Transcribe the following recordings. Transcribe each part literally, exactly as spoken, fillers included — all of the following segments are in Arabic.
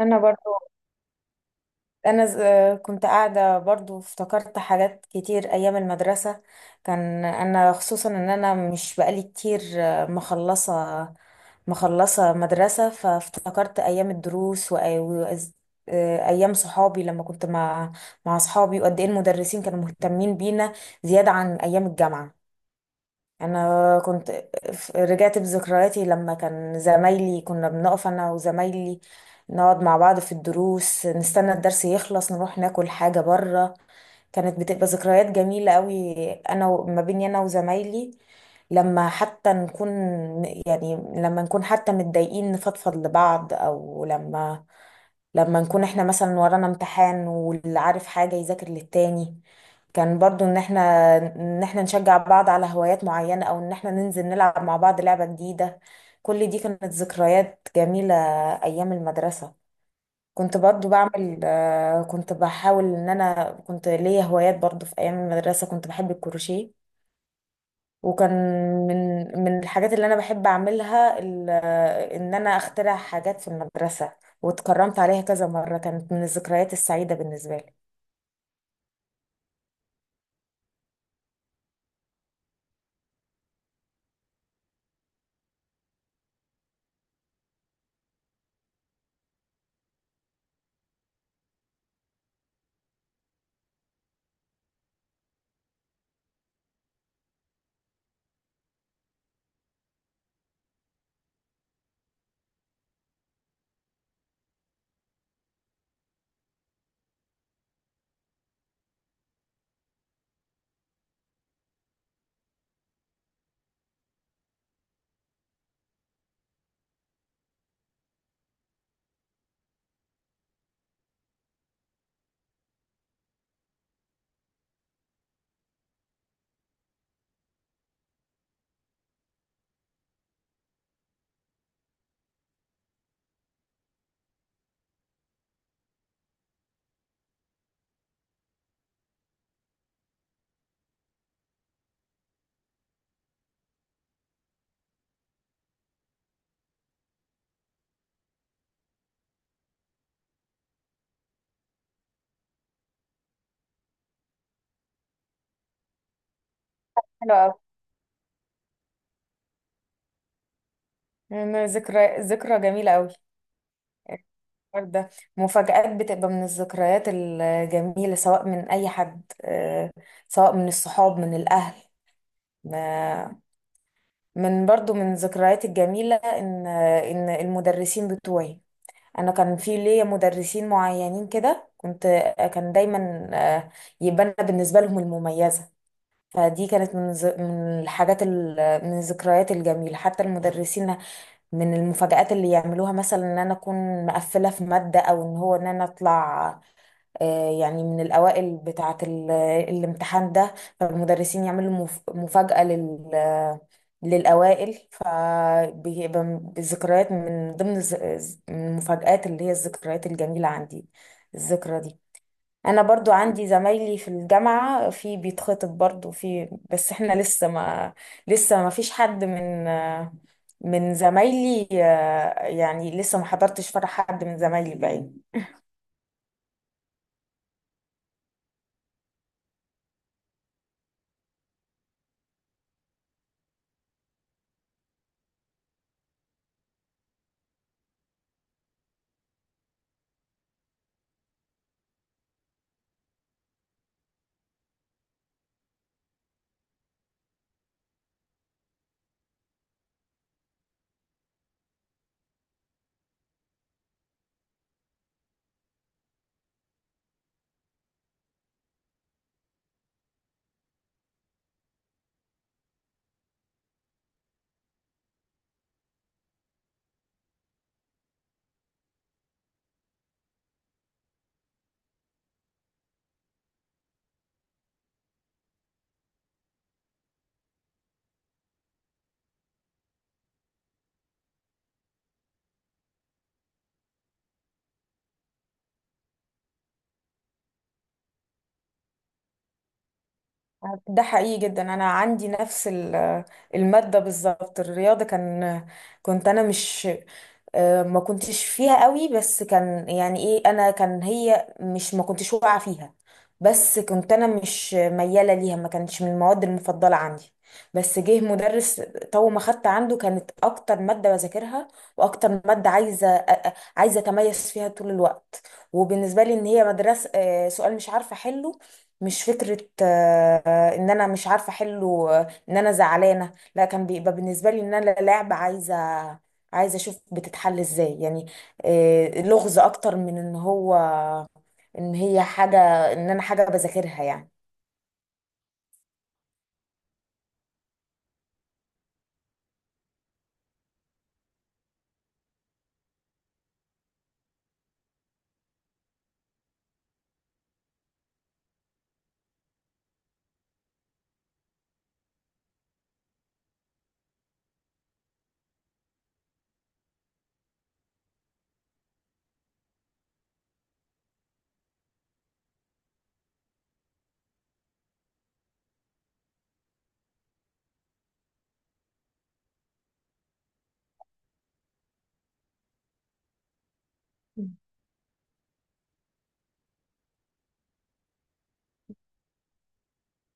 انا برضو. انا ز- آه، كنت قاعده برضو، افتكرت حاجات كتير ايام المدرسه. كان انا خصوصا ان انا مش بقالي كتير، آه، مخلصه مخلصه مدرسه، فافتكرت ايام الدروس وايام صحابي، لما كنت مع مع صحابي، وقد ايه المدرسين كانوا مهتمين بينا زياده عن ايام الجامعه. انا كنت ف- رجعت بذكرياتي لما كان زمايلي كنا بنقف انا وزمايلي، نقعد مع بعض في الدروس، نستنى الدرس يخلص نروح ناكل حاجة بره. كانت بتبقى ذكريات جميلة قوي انا و- ما بيني انا وزمايلي، لما حتى نكون يعني لما نكون حتى متضايقين نفضفض لبعض، او لما لما نكون احنا مثلا ورانا امتحان، واللي عارف حاجة يذاكر للتاني. كان برضو ان احنا ان احنا نشجع بعض على هوايات معينة، او ان احنا ننزل نلعب مع بعض لعبة جديدة. كل دي كانت ذكريات جميلة ايام المدرسة. كنت برضو بعمل آه، كنت بحاول، ان انا كنت ليا هوايات برضو في ايام المدرسة. كنت بحب الكروشيه، وكان من من الحاجات اللي انا بحب اعملها، ال- ان انا اخترع حاجات في المدرسة، واتكرمت عليها كذا مرة. كانت من الذكريات السعيدة بالنسبة لي. حلو قوي. أنا ذكرى ذكرى جميلة قوي الحوار ده. مفاجآت بتبقى من الذكريات الجميلة، سواء من أي حد، آه، سواء من الصحاب، من الأهل. ما- من برضو من الذكريات الجميلة، إن إن المدرسين بتوعي. انا كان في ليا مدرسين معينين كده، كنت آه، كان دايما، آه، يبقى انا بالنسبه لهم المميزه. فدي كانت من ز- من الحاجات، ال- من الذكريات الجميله، حتى المدرسين، من المفاجآت اللي يعملوها مثلا ان انا اكون مقفله في ماده، او ان هو ان انا اطلع، آه، يعني من الأوائل بتاعة ال- الامتحان ده. فالمدرسين يعملوا مف- مفاجأة لل للأوائل، فبيبقى م- الذكريات من ضمن الز- الز- من المفاجآت اللي هي الذكريات الجميلة عندي، الذكرى دي. أنا برضو عندي زمايلي في الجامعة، في بيتخطب برضو، في بس احنا لسه ما لسه ما فيش حد من، آه، من زمايلي، آه، يعني لسه ما حضرتش فرح حد من زمايلي باين. ده حقيقي جدا. انا عندي نفس ال- الماده بالظبط، الرياضه. كان كنت انا مش، آه، ما كنتش فيها قوي. بس كان يعني ايه، انا كان هي مش، ما كنتش واقعه فيها، بس كنت انا مش مياله ليها، ما كانتش من المواد المفضله عندي. بس جه مدرس، طول ما خدت عنده كانت اكتر ماده بذاكرها، واكتر ماده عايزه أ- أ- عايزه اتميز فيها طول الوقت. وبالنسبه لي ان هي مدرسه، آه، سؤال مش عارفه احله، مش فكره، آه، آه، ان انا مش عارفه احله، آه، ان انا زعلانه، لا. كان بيبقى بالنسبه لي ان انا لعبه، عايزه عايزه اشوف بتتحل ازاي يعني. آه، لغز اكتر من ان هو ان هي حاجه، ان انا حاجه بذاكرها يعني.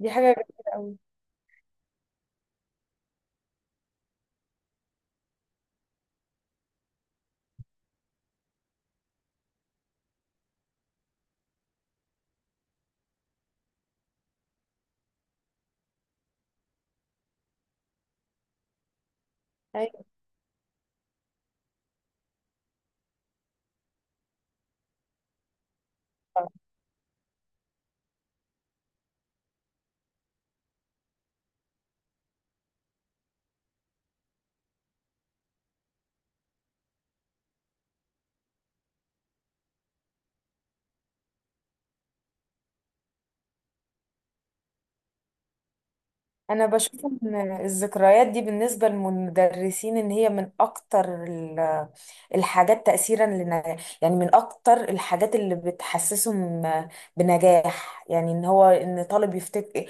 دي حاجه جميله قوي. ايوه. طبعاً. انا بشوف ان الذكريات دي بالنسبه للمدرسين ان هي من اكتر الحاجات تأثيرا لنجاح، يعني من أكتر الحاجات اللي بتحسسهم بنجاح، يعني إن هو إن طالب يفتك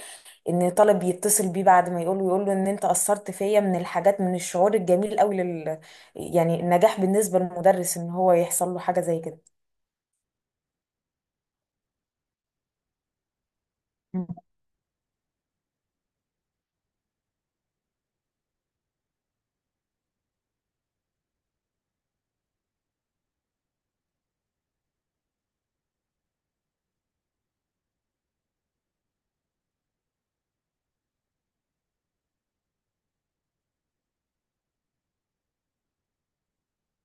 إن طالب يتصل بيه بعد ما يقوله يقول له إن أنت أثرت فيا، من الحاجات، من الشعور الجميل أوي لل يعني النجاح بالنسبة للمدرس إن هو يحصل له حاجة زي كده. مم.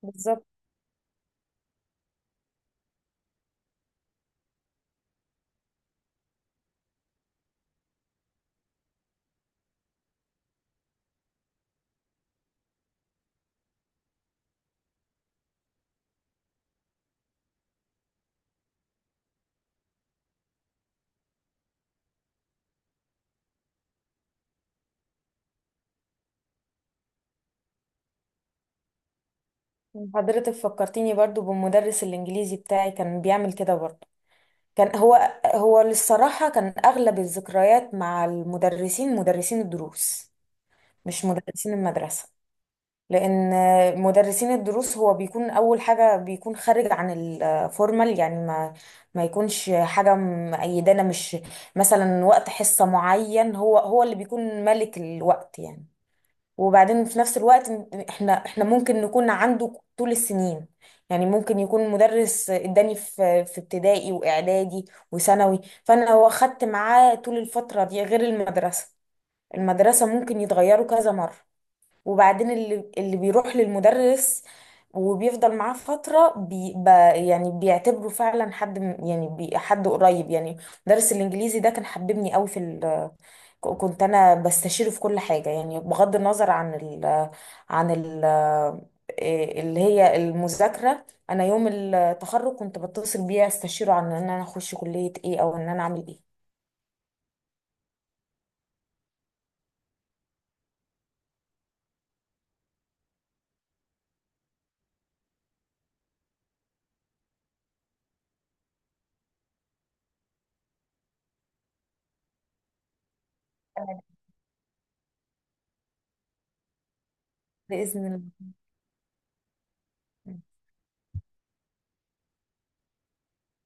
بالظبط. حضرتك فكرتيني برضو بالمدرس الإنجليزي بتاعي، كان بيعمل كده برضو. كان هو هو للصراحة كان أغلب الذكريات مع المدرسين، مدرسين الدروس، مش مدرسين المدرسة. لان مدرسين الدروس، هو بيكون اول حاجه بيكون خارج عن الفورمال، يعني ما ما يكونش حاجه مقيدانا، مش مثلا وقت حصه معين، هو هو اللي بيكون ملك الوقت يعني. وبعدين في نفس الوقت، احنا احنا ممكن نكون عنده طول السنين، يعني ممكن يكون مدرس اداني في في ابتدائي واعدادي وثانوي، فانا هو خدت معاه طول الفتره دي، غير المدرسه. المدرسه ممكن يتغيروا كذا مره، وبعدين اللي اللي بيروح للمدرس وبيفضل معاه فترة بي ب- يعني بيعتبره فعلا حد من- يعني بي حد قريب يعني. مدرس الإنجليزي ده كان حببني قوي في ال ك- كنت أنا بستشيره في كل حاجة، يعني بغض النظر عن ال عن ال إيه اللي هي المذاكرة. أنا يوم التخرج كنت بتصل بيه أستشيره عن إن أنا أخش كلية إيه أو إن أنا أعمل إيه. بإذن الله